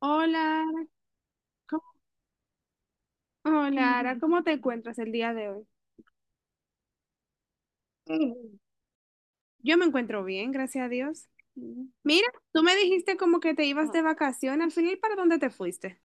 Hola, Ara. ¿cómo- Hola, Ara. Mm. ¿Cómo te encuentras el día de hoy? Yo me encuentro bien, gracias a Dios. Mira, tú me dijiste como que te ibas de vacaciones. Al final, ¿para dónde te fuiste?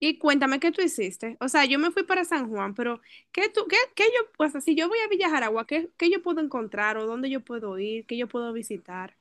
Y cuéntame qué tú hiciste. O sea, yo me fui para San Juan, pero ¿qué tú, qué yo, pues si yo voy a Villa Jaragua, ¿qué yo puedo encontrar o dónde yo puedo ir, qué yo puedo visitar?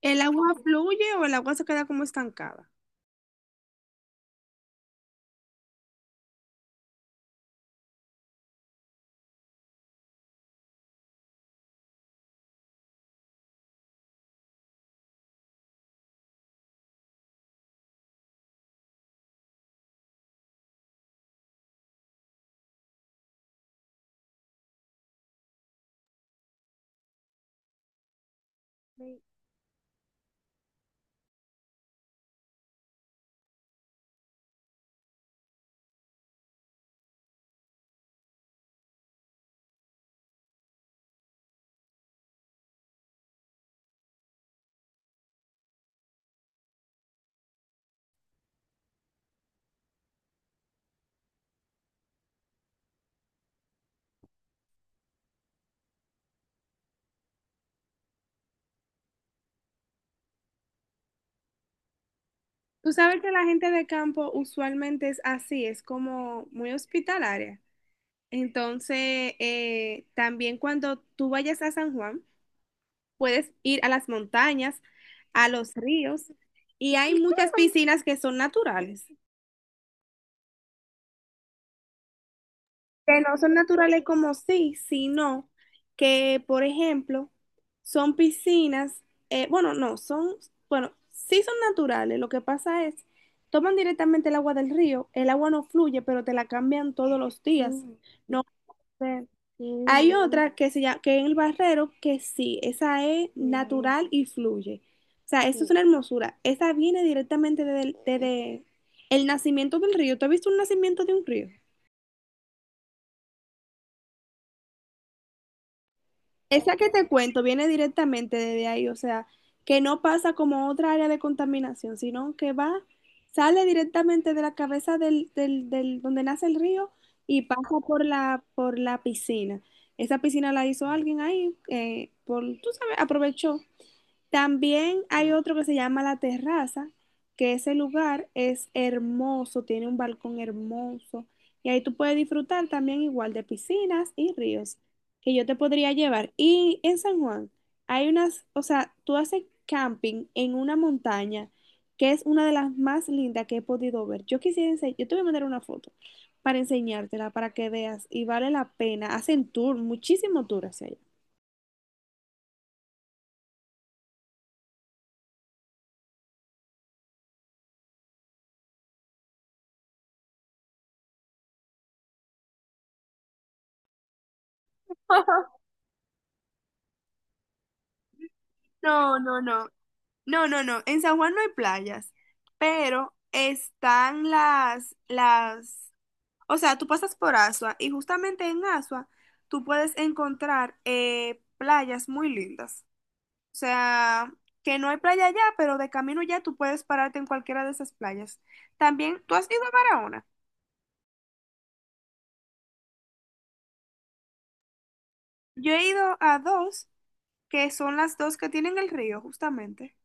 ¿El agua fluye o el agua se queda como estancada? Tú sabes que la gente de campo usualmente es así, es como muy hospitalaria. Entonces, también cuando tú vayas a San Juan, puedes ir a las montañas, a los ríos, y hay muchas piscinas que son naturales, que no son naturales como sí, sino que, por ejemplo, son piscinas, bueno, no, son, bueno, sí son naturales, lo que pasa es, toman directamente el agua del río, el agua no fluye, pero te la cambian todos los días. Mm. No. Ve. Hay otra que se llama, que en el barrero, que sí, esa es natural y fluye. O sea, eso es sí, una hermosura. Esa viene directamente desde el nacimiento del río. ¿Tú has visto un nacimiento de un río? Esa que te cuento viene directamente desde ahí, o sea, que no pasa como otra área de contaminación, sino que va, sale directamente de la cabeza del donde nace el río y pasa por la piscina. Esa piscina la hizo alguien ahí, por, tú sabes, aprovechó. También hay otro que se llama La Terraza, que ese lugar es hermoso, tiene un balcón hermoso y ahí tú puedes disfrutar también igual de piscinas y ríos que yo te podría llevar. Y en San Juan hay unas, o sea, tú haces camping en una montaña que es una de las más lindas que he podido ver. Yo quisiera enseñar, yo te voy a mandar una foto para enseñártela, para que veas y vale la pena. Hacen tour, muchísimo tour hacia allá. No, no, no. No, no, no. En San Juan no hay playas, pero están las, o sea, tú pasas por Asua y justamente en Asua tú puedes encontrar playas muy lindas. O sea, que no hay playa allá, pero de camino ya tú puedes pararte en cualquiera de esas playas. También, ¿tú has ido a Barahona? Yo he ido a dos, que son las dos que tienen el río, justamente.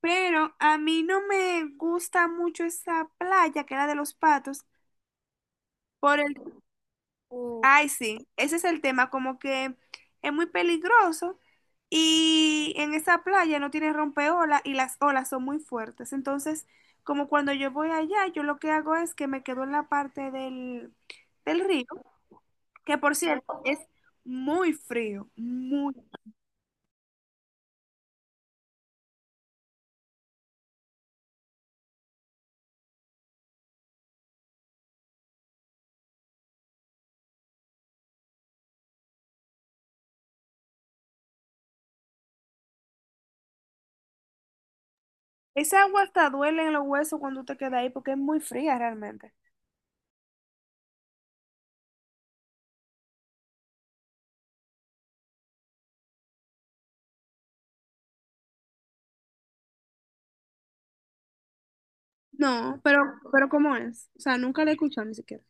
Pero a mí no me gusta mucho esa playa que era de los patos por el. Ay, sí, ese es el tema, como que es muy peligroso y en esa playa no tiene rompeolas y las olas son muy fuertes. Entonces, como cuando yo voy allá, yo lo que hago es que me quedo en la parte del río, que por cierto es muy frío, muy... Esa agua hasta duele en los huesos cuando te quedas ahí porque es muy fría realmente. No, pero ¿cómo es? O sea, nunca la he escuchado ni siquiera.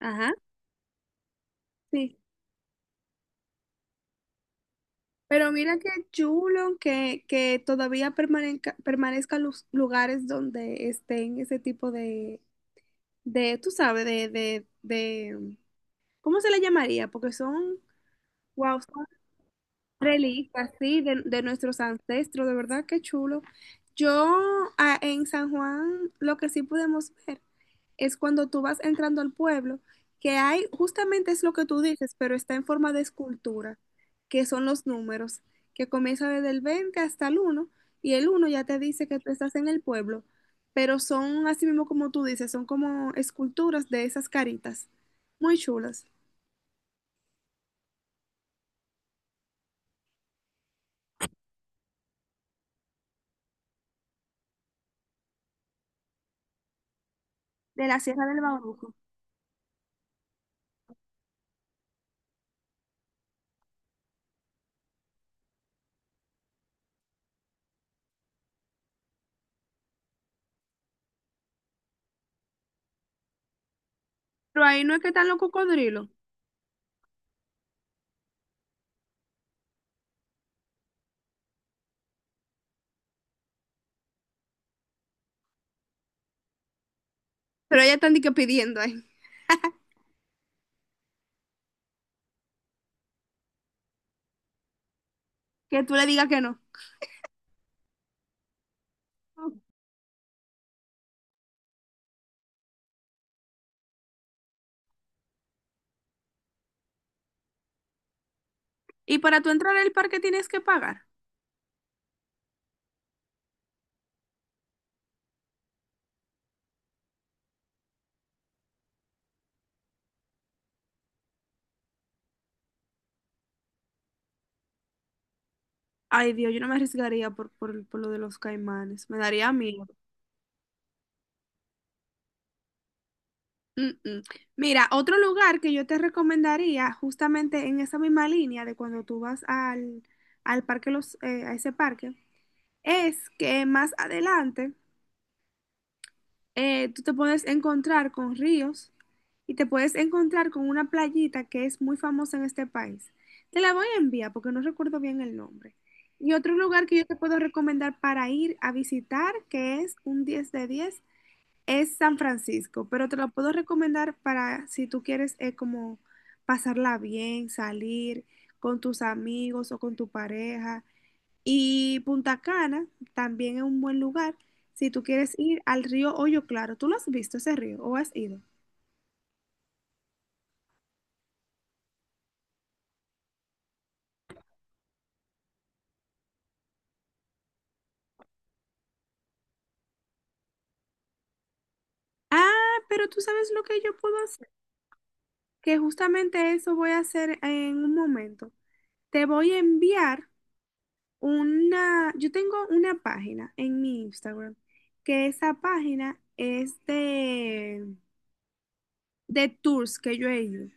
Ajá. Sí. Pero mira qué chulo que, que todavía permanezcan los lugares donde estén ese tipo de, tú sabes, ¿cómo se le llamaría? Porque son, wow, son reliquias, sí, de nuestros ancestros, de verdad qué chulo. Yo en San Juan lo que sí pudimos ver es cuando tú vas entrando al pueblo, que hay, justamente es lo que tú dices, pero está en forma de escultura, que son los números, que comienza desde el 20 hasta el 1 y el 1 ya te dice que tú estás en el pueblo, pero son así mismo como tú dices, son como esculturas de esas caritas, muy chulas, de la Sierra del Bauruco. Pero ahí no es que están los cocodrilos, pero ya están di que pidiendo ahí, que tú le digas que no. Y para tú entrar al parque tienes que pagar. Ay, Dios, yo no me arriesgaría por lo de los caimanes. Me daría miedo. Mm, mm. Mira, otro lugar que yo te recomendaría, justamente en esa misma línea de cuando tú vas al parque, a ese parque, es que más adelante tú te puedes encontrar con ríos y te puedes encontrar con una playita que es muy famosa en este país. Te la voy a enviar porque no recuerdo bien el nombre. Y otro lugar que yo te puedo recomendar para ir a visitar, que es un 10 de 10. Es San Francisco, pero te lo puedo recomendar para si tú quieres como pasarla bien, salir con tus amigos o con tu pareja. Y Punta Cana también es un buen lugar si tú quieres ir al río Hoyo Claro. ¿Tú lo has visto ese río o has ido? Ah, pero tú sabes lo que yo puedo hacer, que justamente eso voy a hacer en un momento. Te voy a enviar una, yo tengo una página en mi Instagram, que esa página es de tours que yo he ido.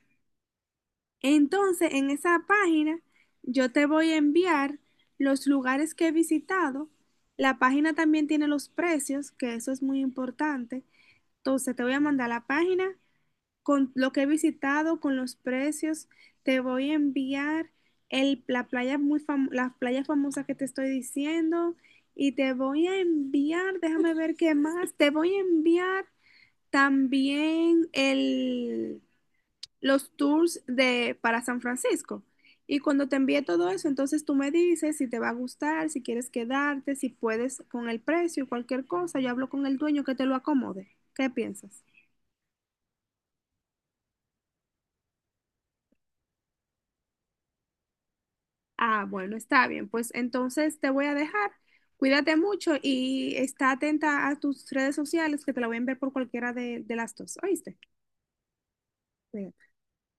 Entonces, en esa página, yo te voy a enviar los lugares que he visitado. La página también tiene los precios, que eso es muy importante. Entonces, te voy a mandar la página con lo que he visitado, con los precios. Te voy a enviar la playa muy fam- las playas famosas que te estoy diciendo y te voy a enviar, déjame ver qué más, te voy a enviar también el, los tours de, para San Francisco. Y cuando te envíe todo eso, entonces tú me dices si te va a gustar, si quieres quedarte, si puedes con el precio, cualquier cosa. Yo hablo con el dueño que te lo acomode. ¿Qué piensas? Ah, bueno, está bien. Pues entonces te voy a dejar. Cuídate mucho y está atenta a tus redes sociales que te la voy a enviar por cualquiera de las dos. ¿Oíste? Cuídate.